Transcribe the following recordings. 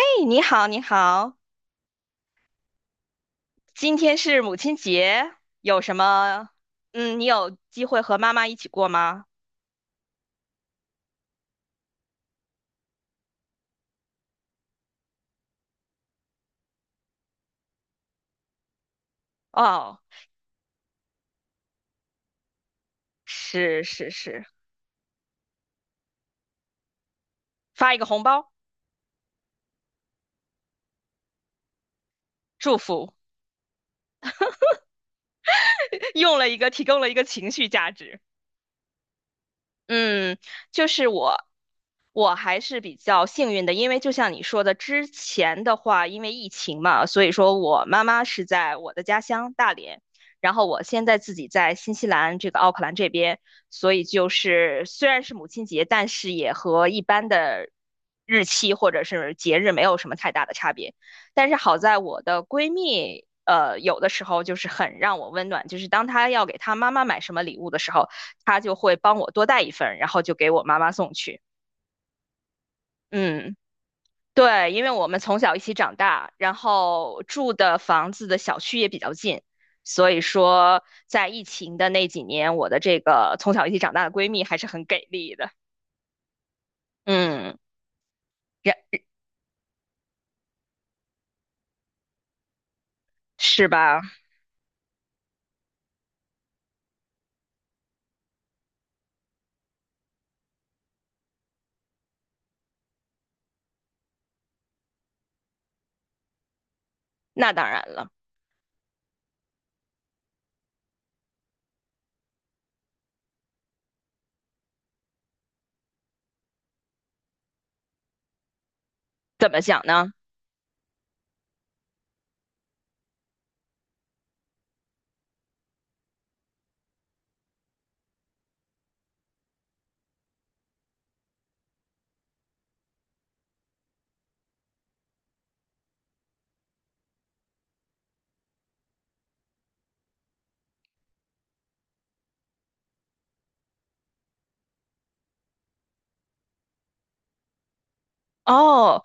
哎你好，你好，今天是母亲节，有什么？嗯，你有机会和妈妈一起过吗？哦，是是是，发一个红包，祝福，用了一个提供了一个情绪价值。嗯，就是我，我还是比较幸运的，因为就像你说的，之前的话，因为疫情嘛，所以说我妈妈是在我的家乡大连，然后我现在自己在新西兰这个奥克兰这边，所以就是虽然是母亲节，但是也和一般的日期或者是节日没有什么太大的差别。但是好在我的闺蜜，有的时候就是很让我温暖，就是当她要给她妈妈买什么礼物的时候。他就会帮我多带一份，然后就给我妈妈送去。嗯，对，因为我们从小一起长大，然后住的房子的小区也比较近，所以说在疫情的那几年，我的这个从小一起长大的闺蜜还是很给力的。嗯，然是吧？那当然了，怎么讲呢？哦，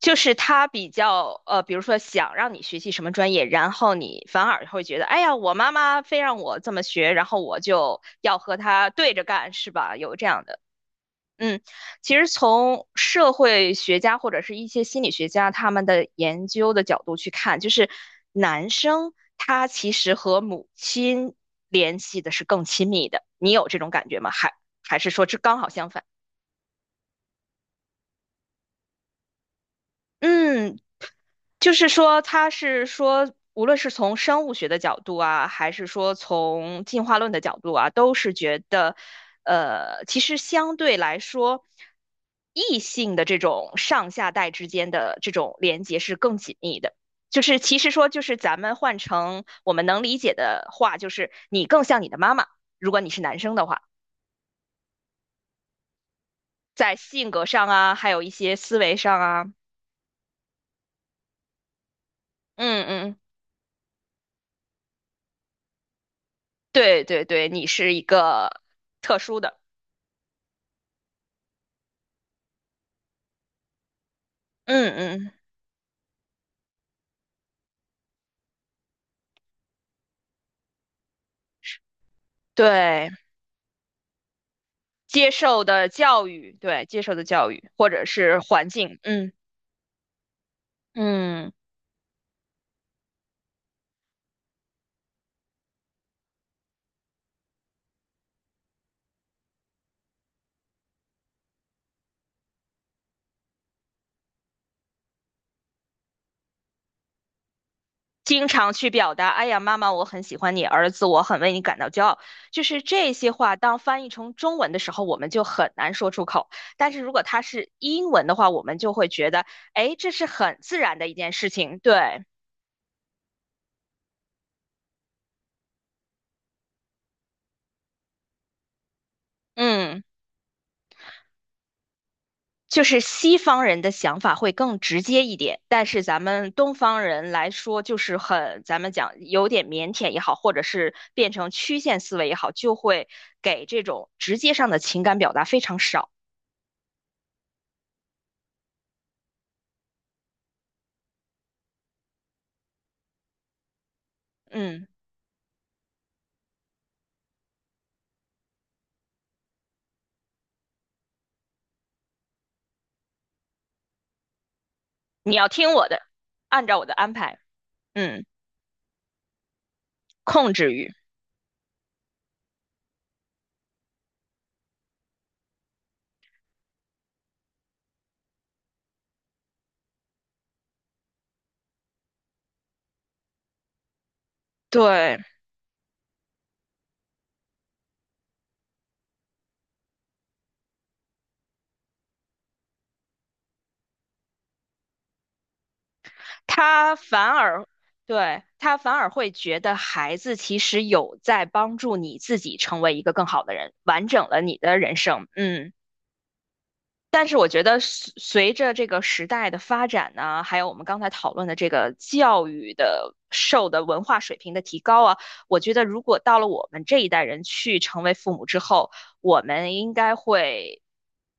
就是他比较比如说想让你学习什么专业，然后你反而会觉得，哎呀，我妈妈非让我这么学，然后我就要和她对着干，是吧？有这样的，嗯，其实从社会学家或者是一些心理学家他们的研究的角度去看，就是男生他其实和母亲联系的是更亲密的，你有这种感觉吗？还是说这刚好相反？嗯，就是说，他是说，无论是从生物学的角度啊，还是说从进化论的角度啊，都是觉得，其实相对来说，异性的这种上下代之间的这种连接是更紧密的。就是其实说，就是咱们换成我们能理解的话，就是你更像你的妈妈，如果你是男生的话，在性格上啊，还有一些思维上啊，嗯嗯，对对对，你是一个特殊的。嗯嗯，对，接受的教育或者是环境，嗯嗯，经常去表达，哎呀，妈妈，我很喜欢你，儿子，我很为你感到骄傲，就是这些话，当翻译成中文的时候，我们就很难说出口。但是如果它是英文的话，我们就会觉得，哎，这是很自然的一件事情，对，嗯。就是西方人的想法会更直接一点，但是咱们东方人来说，就是很，咱们讲有点腼腆也好，或者是变成曲线思维也好，就会给这种直接上的情感表达非常少。嗯，你要听我的，按照我的安排，嗯，控制欲，对，他反而，对，他反而会觉得孩子其实有在帮助你自己成为一个更好的人，完整了你的人生。嗯。但是我觉得随着这个时代的发展呢，还有我们刚才讨论的这个教育的受的文化水平的提高啊，我觉得如果到了我们这一代人去成为父母之后，我们应该会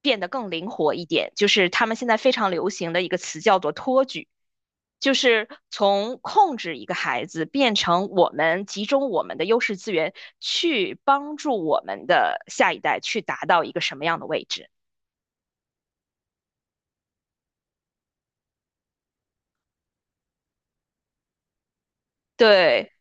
变得更灵活一点。就是他们现在非常流行的一个词叫做托举，就是从控制一个孩子变成我们集中我们的优势资源去帮助我们的下一代去达到一个什么样的位置。对，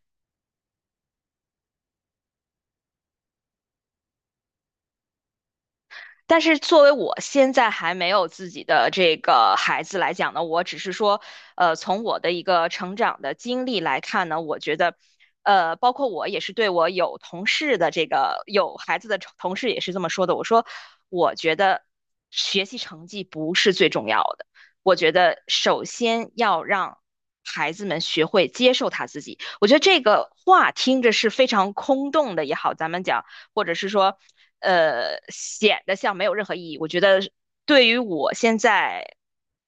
但是作为我现在还没有自己的这个孩子来讲呢，我只是说，从我的一个成长的经历来看呢，我觉得，包括我也是对我有同事的这个有孩子的同事也是这么说的。我说，我觉得学习成绩不是最重要的，我觉得首先要让孩子们学会接受他自己。我觉得这个话听着是非常空洞的也好，咱们讲。或者是说，显得像没有任何意义。我觉得对于我现在，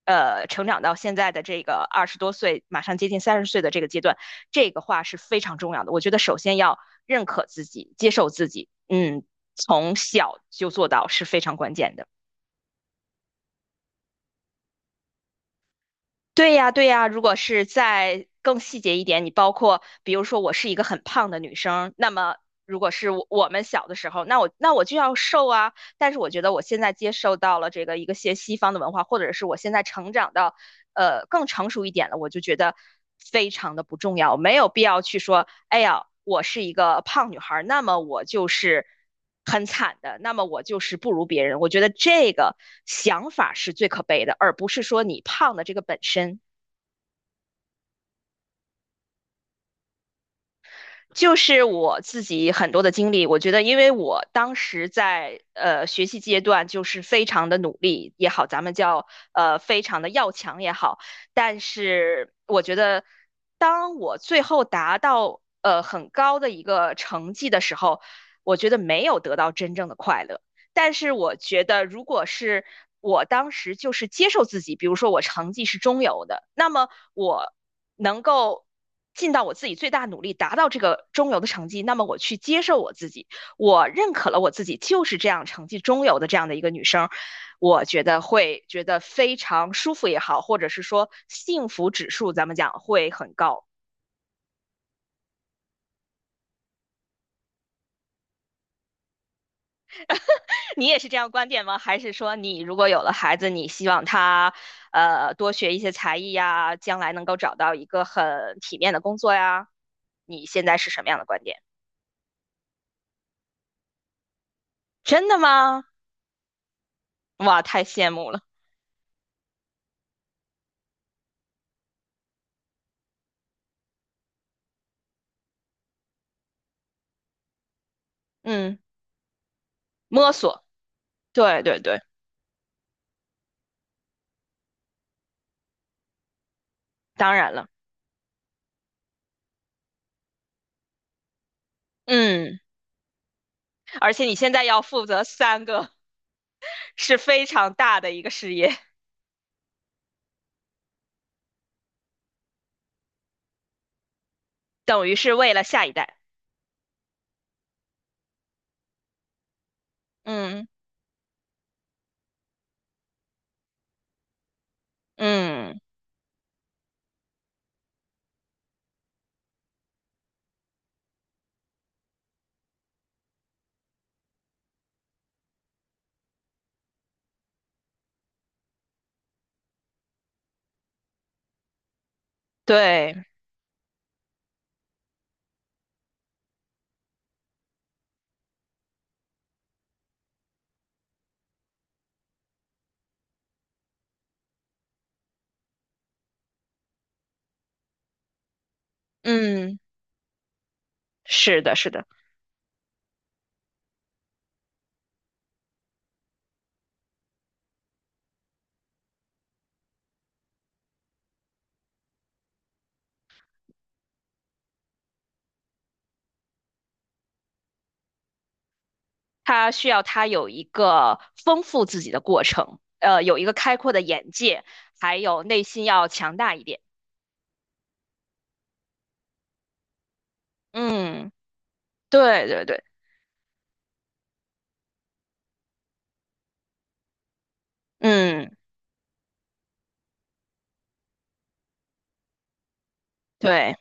成长到现在的这个二十多岁，马上接近三十岁的这个阶段，这个话是非常重要的。我觉得首先要认可自己，接受自己，嗯，从小就做到是非常关键的。对呀，对呀，如果是再更细节一点，你包括比如说我是一个很胖的女生，那么如果是我们小的时候，那我就要瘦啊。但是我觉得我现在接受到了这个一个些西方的文化，或者是我现在成长到更成熟一点了，我就觉得非常的不重要，没有必要去说，哎呀，我是一个胖女孩那么我就是很惨的，那么我就是不如别人。我觉得这个想法是最可悲的，而不是说你胖的这个本身。就是我自己很多的经历，我觉得，因为我当时在学习阶段，就是非常的努力也好，咱们叫非常的要强也好，但是我觉得，当我最后达到很高的一个成绩的时候，我觉得没有得到真正的快乐。但是我觉得，如果是我当时就是接受自己，比如说我成绩是中游的，那么我能够尽到我自己最大努力达到这个中游的成绩，那么我去接受我自己，我认可了我自己就是这样成绩中游的这样的一个女生，我觉得会觉得非常舒服也好，或者是说幸福指数咱们讲会很高。你也是这样观点吗？还是说你如果有了孩子，你希望他多学一些才艺呀，将来能够找到一个很体面的工作呀？你现在是什么样的观点？真的吗？哇，太羡慕了。嗯，摸索，对对对，当然了。嗯，而且你现在要负责三个，是非常大的一个事业，等于是为了下一代。嗯嗯，对，嗯，是的，是的。他需要他有一个丰富自己的过程，有一个开阔的眼界，还有内心要强大一点。嗯，对对对，嗯，对，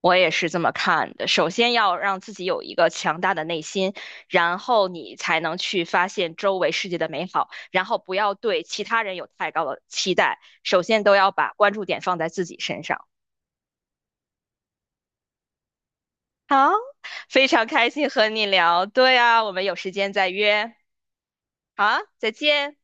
我也是这么看的。首先要让自己有一个强大的内心，然后你才能去发现周围世界的美好，然后不要对其他人有太高的期待，首先都要把关注点放在自己身上。好，非常开心和你聊。对啊，我们有时间再约。好啊，再见。